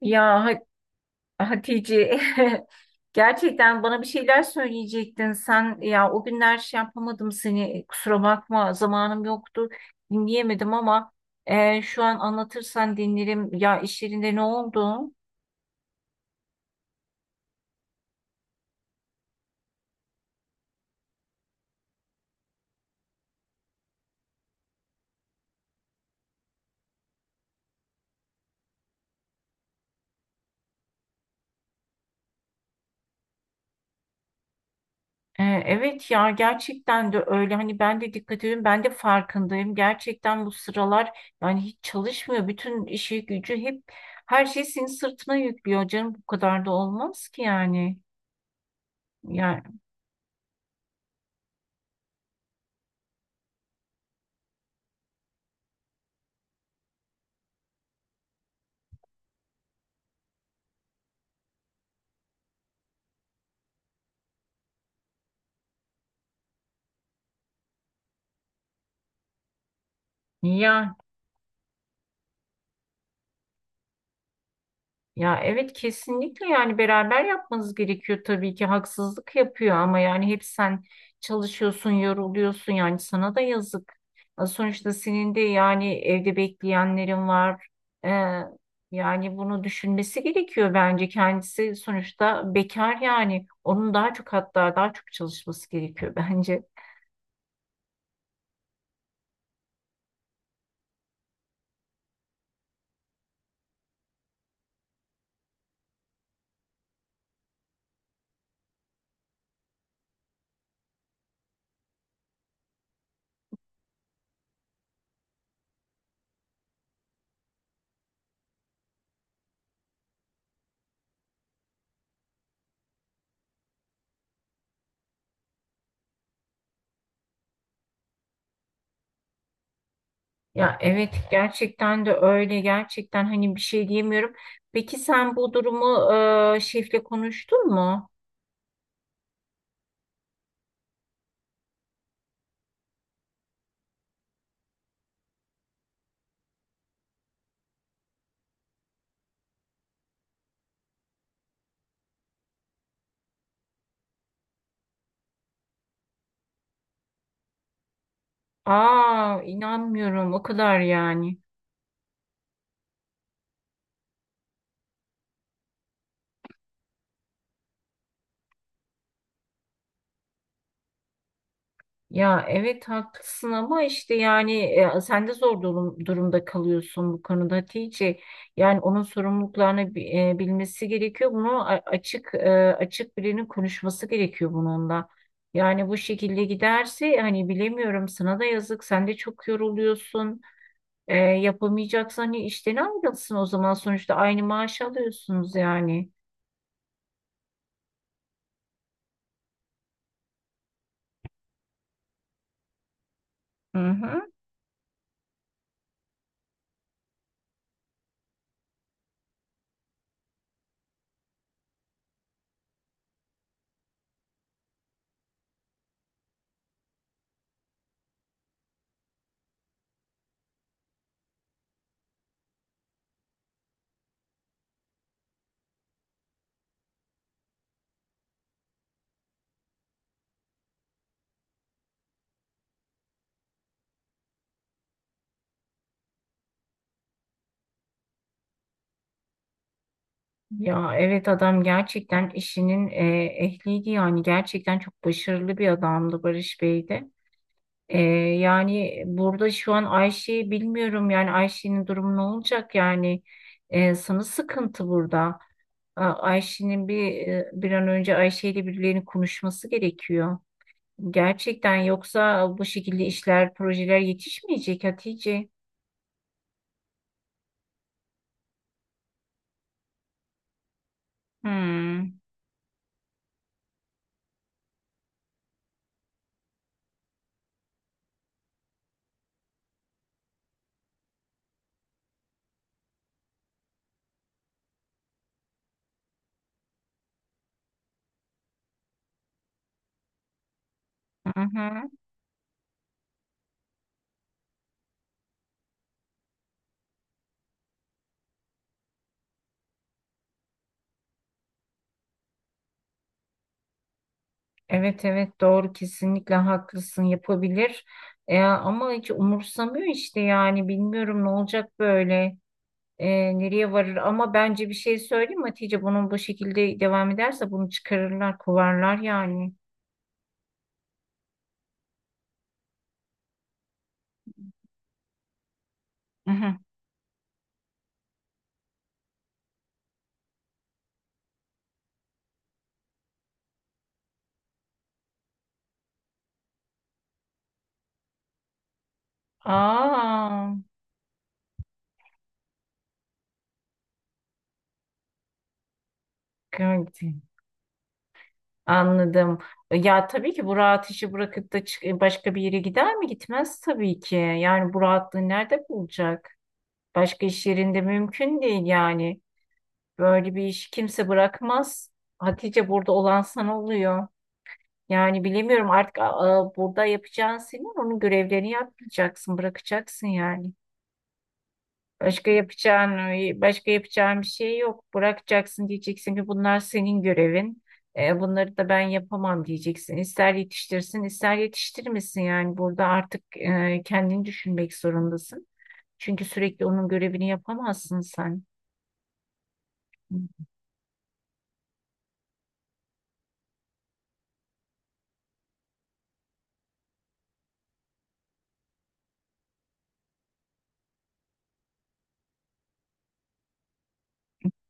Ya Hatice gerçekten bana bir şeyler söyleyecektin sen, ya o günler şey yapamadım seni, kusura bakma, zamanım yoktu, dinleyemedim ama şu an anlatırsan dinlerim. Ya iş yerinde ne oldu? Evet ya, gerçekten de öyle. Hani ben de dikkat ediyorum, ben de farkındayım gerçekten bu sıralar. Yani hiç çalışmıyor, bütün işi gücü, hep her şey senin sırtına yüklüyor canım. Bu kadar da olmaz ki yani. Yani, ya. Ya evet, kesinlikle, yani beraber yapmanız gerekiyor tabii ki. Haksızlık yapıyor ama yani hep sen çalışıyorsun, yoruluyorsun, yani sana da yazık. Ya sonuçta senin de yani evde bekleyenlerin var. Ee, Yani bunu düşünmesi gerekiyor bence. Kendisi sonuçta bekar, yani onun daha çok, hatta daha çok çalışması gerekiyor bence. Ya evet, gerçekten de öyle gerçekten, hani bir şey diyemiyorum. Peki sen bu durumu şefle konuştun mu? Aa, inanmıyorum o kadar yani. Ya evet, haklısın ama işte yani sen de durumda kalıyorsun bu konuda Hatice. Yani onun sorumluluklarını bilmesi gerekiyor. Bunu açık, açık birinin konuşması gerekiyor bununla. Yani bu şekilde giderse, hani bilemiyorum, sana da yazık. Sen de çok yoruluyorsun. Yapamayacaksan hani işten ayrılsın o zaman. Sonuçta aynı maaş alıyorsunuz yani. Hı hı. Ya evet, adam gerçekten işinin ehliydi yani, gerçekten çok başarılı bir adamdı Barış Bey de. E, Yani burada şu an Ayşe'yi bilmiyorum, yani Ayşe'nin durumu ne olacak yani. Sana sıkıntı burada. Ayşe'nin bir bir an önce Ayşe ile birilerinin konuşması gerekiyor. Gerçekten, yoksa bu şekilde işler, projeler yetişmeyecek Hatice. Hmm. Hı hı. Evet evet, doğru, kesinlikle haklısın, yapabilir. E, ama hiç umursamıyor işte yani, bilmiyorum ne olacak böyle. Nereye varır? Ama bence bir şey söyleyeyim mi Hatice, bunun bu şekilde devam ederse bunu çıkarırlar, kovarlar yani. Hı hı. Aa, gördüm. Anladım. Ya tabii ki bu rahat işi bırakıp da başka bir yere gider mi? Gitmez tabii ki. Yani bu rahatlığı nerede bulacak? Başka iş yerinde mümkün değil yani. Böyle bir iş kimse bırakmaz. Hatice, burada olan sana oluyor. Yani bilemiyorum artık, burada yapacağın, senin onun görevlerini yapmayacaksın, bırakacaksın yani. Başka yapacağın, başka yapacağın bir şey yok. Bırakacaksın, diyeceksin ki bunlar senin görevin. Bunları da ben yapamam diyeceksin. İster yetiştirsin, ister yetiştirmesin yani. Burada artık kendini düşünmek zorundasın. Çünkü sürekli onun görevini yapamazsın sen.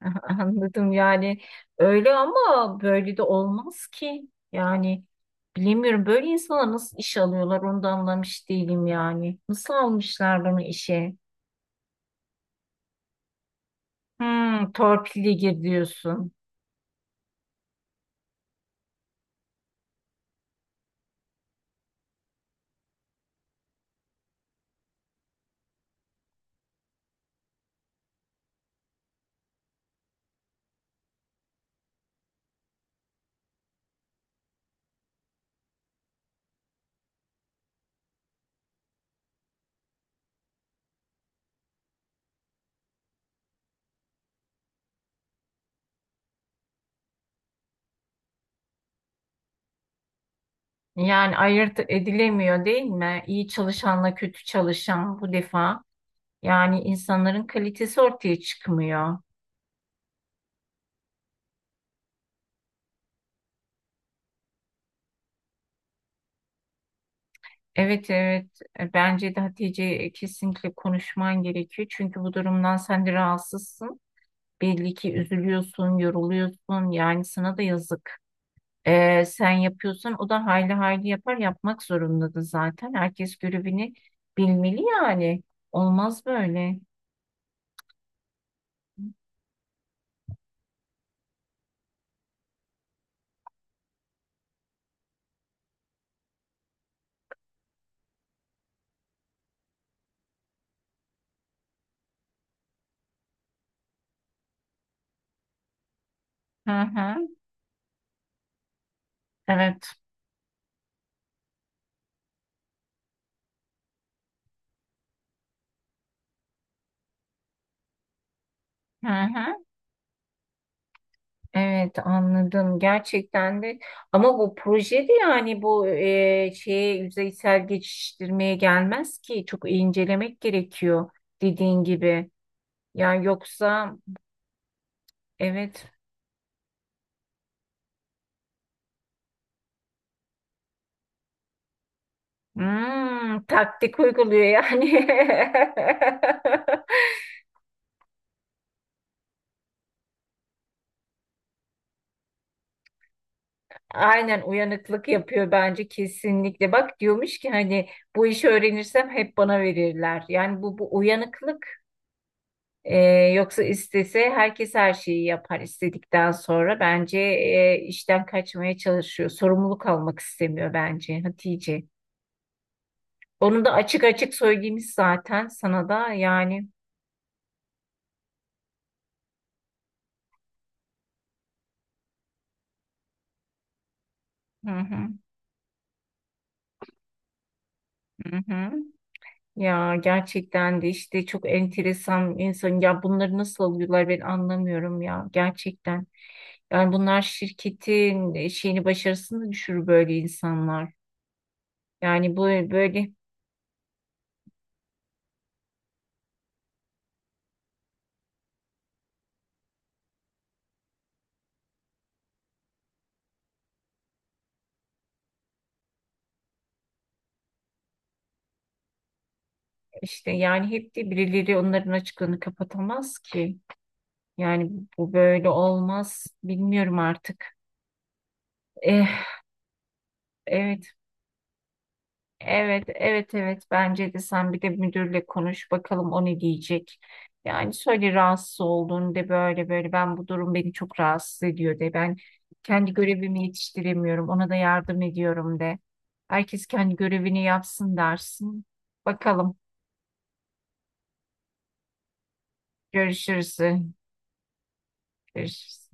Anladım. Yani öyle ama böyle de olmaz ki. Yani bilemiyorum, böyle insanlar nasıl iş alıyorlar onu da anlamış değilim yani. Nasıl almışlar bunu işe? Hmm, torpilli gir diyorsun. Yani ayırt edilemiyor değil mi? İyi çalışanla kötü çalışan bu defa. Yani insanların kalitesi ortaya çıkmıyor. Evet evet. Bence de Hatice, kesinlikle konuşman gerekiyor. Çünkü bu durumdan sen de rahatsızsın. Belli ki üzülüyorsun, yoruluyorsun. Yani sana da yazık. Sen yapıyorsan o da hayli hayli yapar. Yapmak zorundadır zaten. Herkes görevini bilmeli yani. Olmaz böyle. Hı hı. Evet. Hı hı. Evet, anladım gerçekten de ama bu projede yani bu şeye, yüzeysel geçiştirmeye gelmez ki, çok iyi incelemek gerekiyor dediğin gibi. Yani yoksa evet. Hmm, taktik uyguluyor yani. Aynen, uyanıklık yapıyor bence kesinlikle. Bak diyormuş ki hani bu işi öğrenirsem hep bana verirler, yani bu uyanıklık. Ee, yoksa istese herkes her şeyi yapar istedikten sonra. Bence işten kaçmaya çalışıyor. Sorumluluk almak istemiyor bence Hatice. Onu da açık açık söylemiş zaten sana da yani. Hı hı, hı hı. Ya gerçekten de işte çok enteresan insan ya, bunları nasıl alıyorlar ben anlamıyorum ya gerçekten. Yani bunlar şirketin şeyini, başarısını düşürür böyle insanlar. Yani bu böyle İşte yani hep de birileri onların açığını kapatamaz ki. Yani bu böyle olmaz. Bilmiyorum artık. Eh, evet, evet. Bence de sen bir de müdürle konuş bakalım o ne diyecek. Yani söyle rahatsız olduğunu, de böyle böyle, ben bu durum beni çok rahatsız ediyor de, ben kendi görevimi yetiştiremiyorum, ona da yardım ediyorum de. Herkes kendi görevini yapsın dersin. Bakalım, görüşürüz. Görüşürüz.